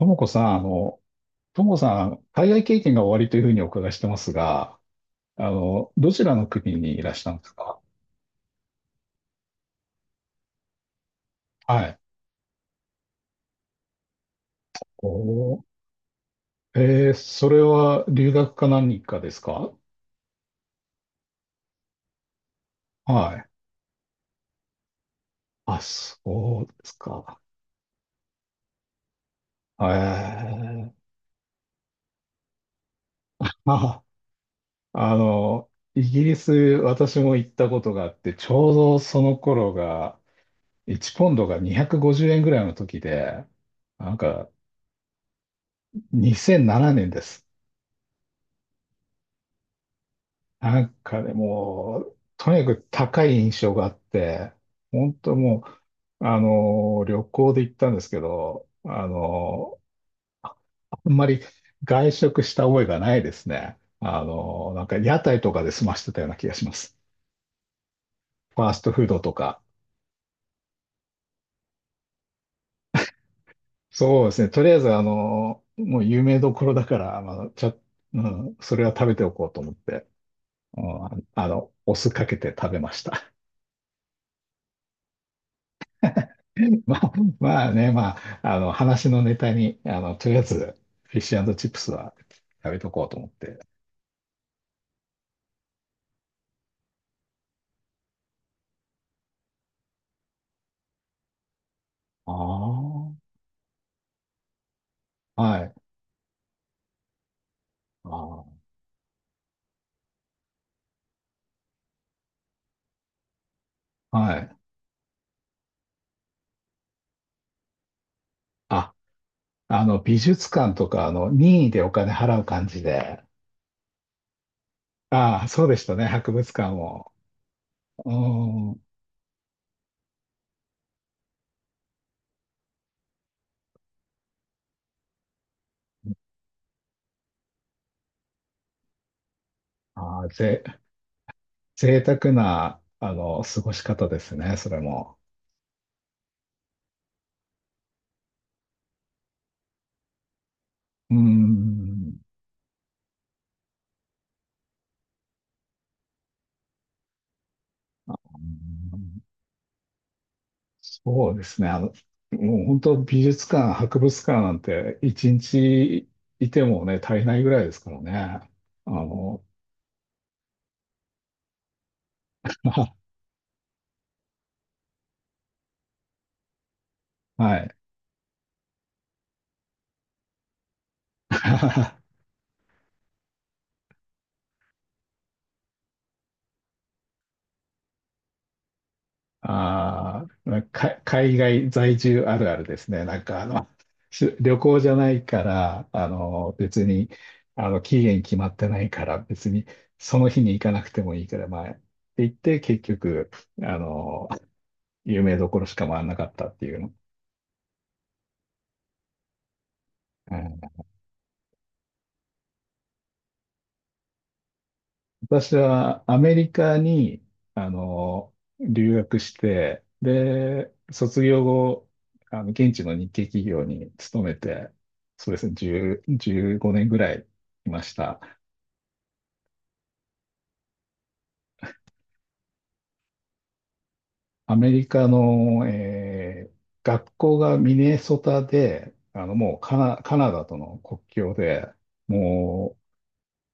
ともこさん、ともこさん、海外経験がおありというふうにお伺いしてますが、どちらの国にいらしたんですか？はい。おー、それは留学か何かですか？はい。あ、そうですか。えー、まイギリス、私も行ったことがあって、ちょうどその頃が、1ポンドが250円ぐらいの時で、なんか、2007年です。なんかね、もう、とにかく高い印象があって、本当もう、旅行で行ったんですけど、あんまり外食した覚えがないですね。なんか屋台とかで済ましてたような気がします。ファーストフードとか。そうですね。とりあえず、もう有名どころだから、まあ、うん、それは食べておこうと思って、うん、お酢かけて食べました。まあ、まあね、まあ、話のネタに、とりあえず、フィッシュチップスは食べとこうと思って。ああ、はい。ああ、はい。あ、美術館とか、任意でお金払う感じで。ああ、そうでしたね、博物館も。うん。ああ、ぜ、贅沢な、過ごし方ですね、それも。うん。うん。そうですね。もう本当美術館、博物館なんて一日いてもね、足りないぐらいですからね。あの、はい。あーか、海外在住あるあるですね。旅行じゃないから、別に、期限決まってないから、別にその日に行かなくてもいいから、まあ、って言って、結局、あの、有名どころしか回らなかったっていうの。私はアメリカに、あの、留学して、で、卒業後、現地の日系企業に勤めて、そうですね、10、15年ぐらいいました。アメリカの、学校がミネソタで、もうカナダとの国境で、も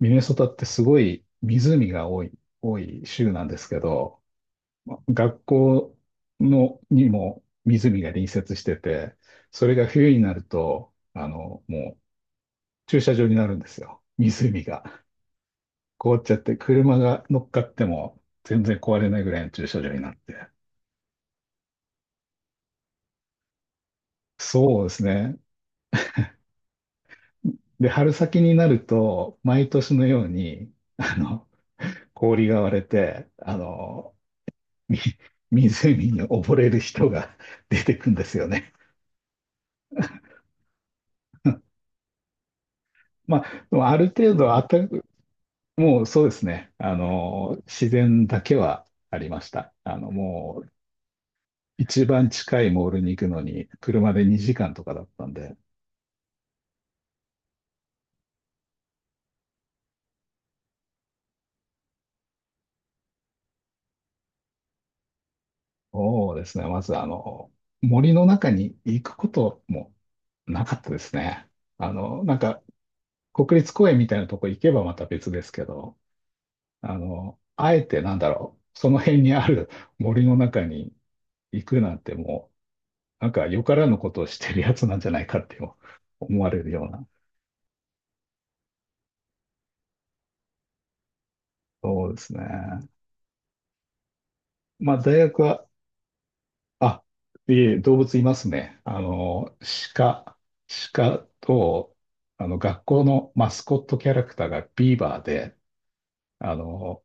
う、ミネソタってすごい湖が多い州なんですけど、学校のにも湖が隣接してて、それが冬になると、もう駐車場になるんですよ。湖が凍っちゃって、車が乗っかっても全然壊れないぐらいの駐車場になって。そうですね。で、春先になると、毎年のように、氷が割れて、み 湖に溺れる人が出てくんですよね。まあ、でもある程度暖もうそうですね。自然だけはありました。もう一番近いモールに行くのに車で2時間とかだったんで、そうですね。まずあの、森の中に行くこともなかったですね。なんか国立公園みたいなとこ行けばまた別ですけど、あえてなんだろう、その辺にある 森の中に行くなんてもう、なんかよからぬことをしてるやつなんじゃないかって思われるような。そうですね。まあ、大学は、あ、いえ、動物いますね。鹿、鹿と、学校のマスコットキャラクターがビーバーで、あの、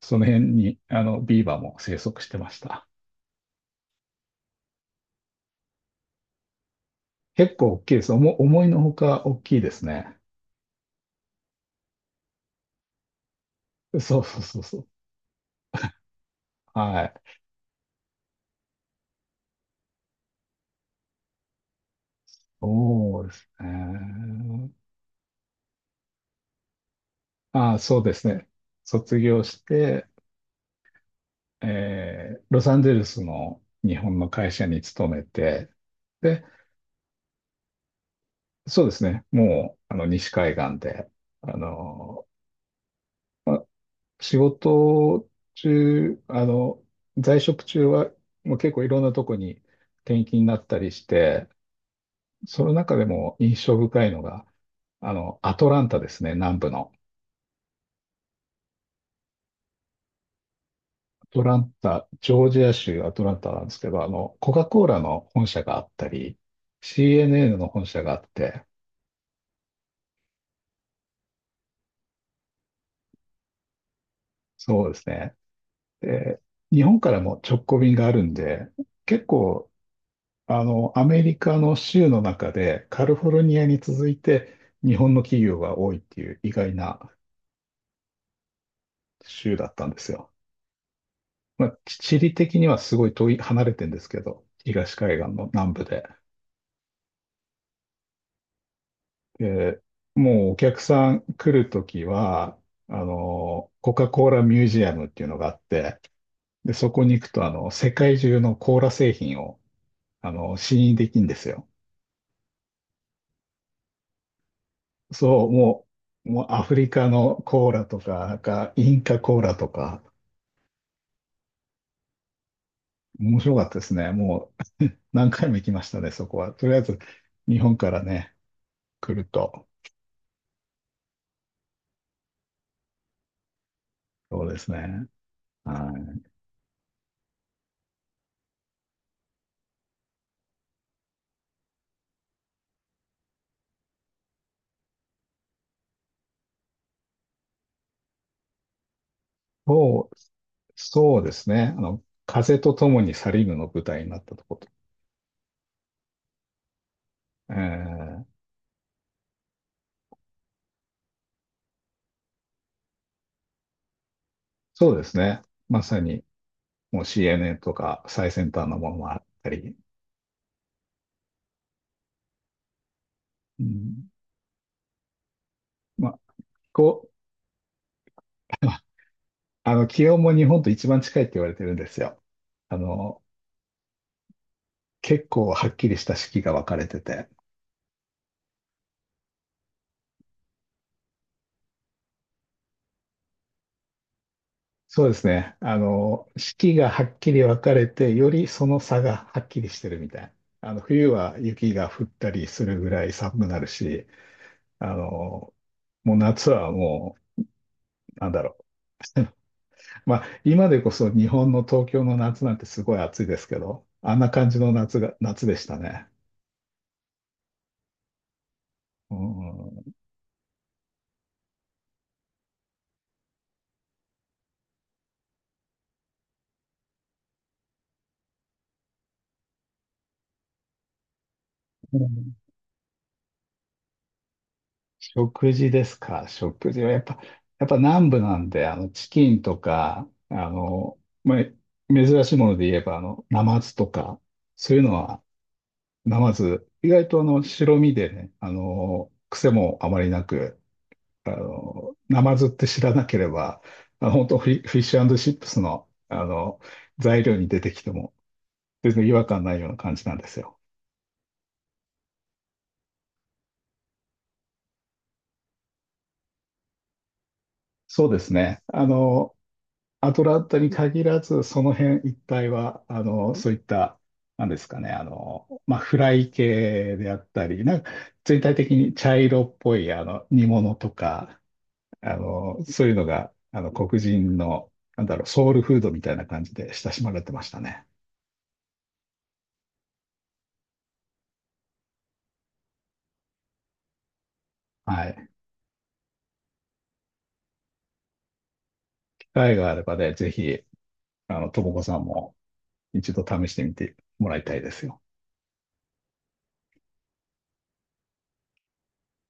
その辺に、ビーバーも生息してました。結構大きいです。思いのほか大きいですね。そうそうそうそう。はい。そうですね。ああ、そうですね。卒業して、ロサンゼルスの日本の会社に勤めて、でそうですね。もう、西海岸で、あの、まあ、仕事中、あの、在職中は、もう結構いろんなとこに転勤になったりして、その中でも印象深いのが、アトランタですね、南部の。アトランタ、ジョージア州アトランタなんですけど、コカ・コーラの本社があったり、CNN の本社があって、そうですね。で、日本からも直行便があるんで、結構あの、アメリカの州の中でカリフォルニアに続いて日本の企業が多いっていう意外な州だったんですよ。まあ、地理的にはすごい遠い、離れてるんですけど、東海岸の南部で。で、もうお客さん来るときは、コカ・コーラミュージアムっていうのがあって、で、そこに行くと、世界中のコーラ製品を、試飲できるんですよ。そう、ももうアフリカのコーラとか、なんかインカコーラとか、面白かったですね。もう 何回も行きましたね、そこは。とりあえず、日本からね、来ると。そうですね。はい。そう、そうですね。風と共にサリぬの舞台になったとこと。えーそうですね。まさに、もう CNN とか最先端のものもあったり。うん、まあ、こう、気温も日本と一番近いって言われてるんですよ。あの、結構はっきりした四季が分かれてて。そうですね。四季がはっきり分かれて、よりその差がはっきりしてるみたいな。冬は雪が降ったりするぐらい寒くなるし、あの、もう夏はなんだろう。まあ、今でこそ日本の東京の夏なんてすごい暑いですけど、あんな感じの夏が、夏でしたね。うん。食事ですか。食事はやっぱ、やっぱ南部なんで、チキンとか、まあ、珍しいもので言えば、ナマズとか、そういうのは、ナマズ、意外とあの、白身でね、癖もあまりなく、ナマズって知らなければ、本当フィッシュチップスの、材料に出てきても、全然違和感ないような感じなんですよ。そうですね。アトランタに限らず、その辺一帯は、そういった、なんですかね、まあ、フライ系であったり、なんか、全体的に茶色っぽい、煮物とか、そういうのが、黒人の、なんだろう、ソウルフードみたいな感じで親しまれてましたね。はい。機会があればね、ぜひ、ともこさんも一度試してみてもらいたいですよ。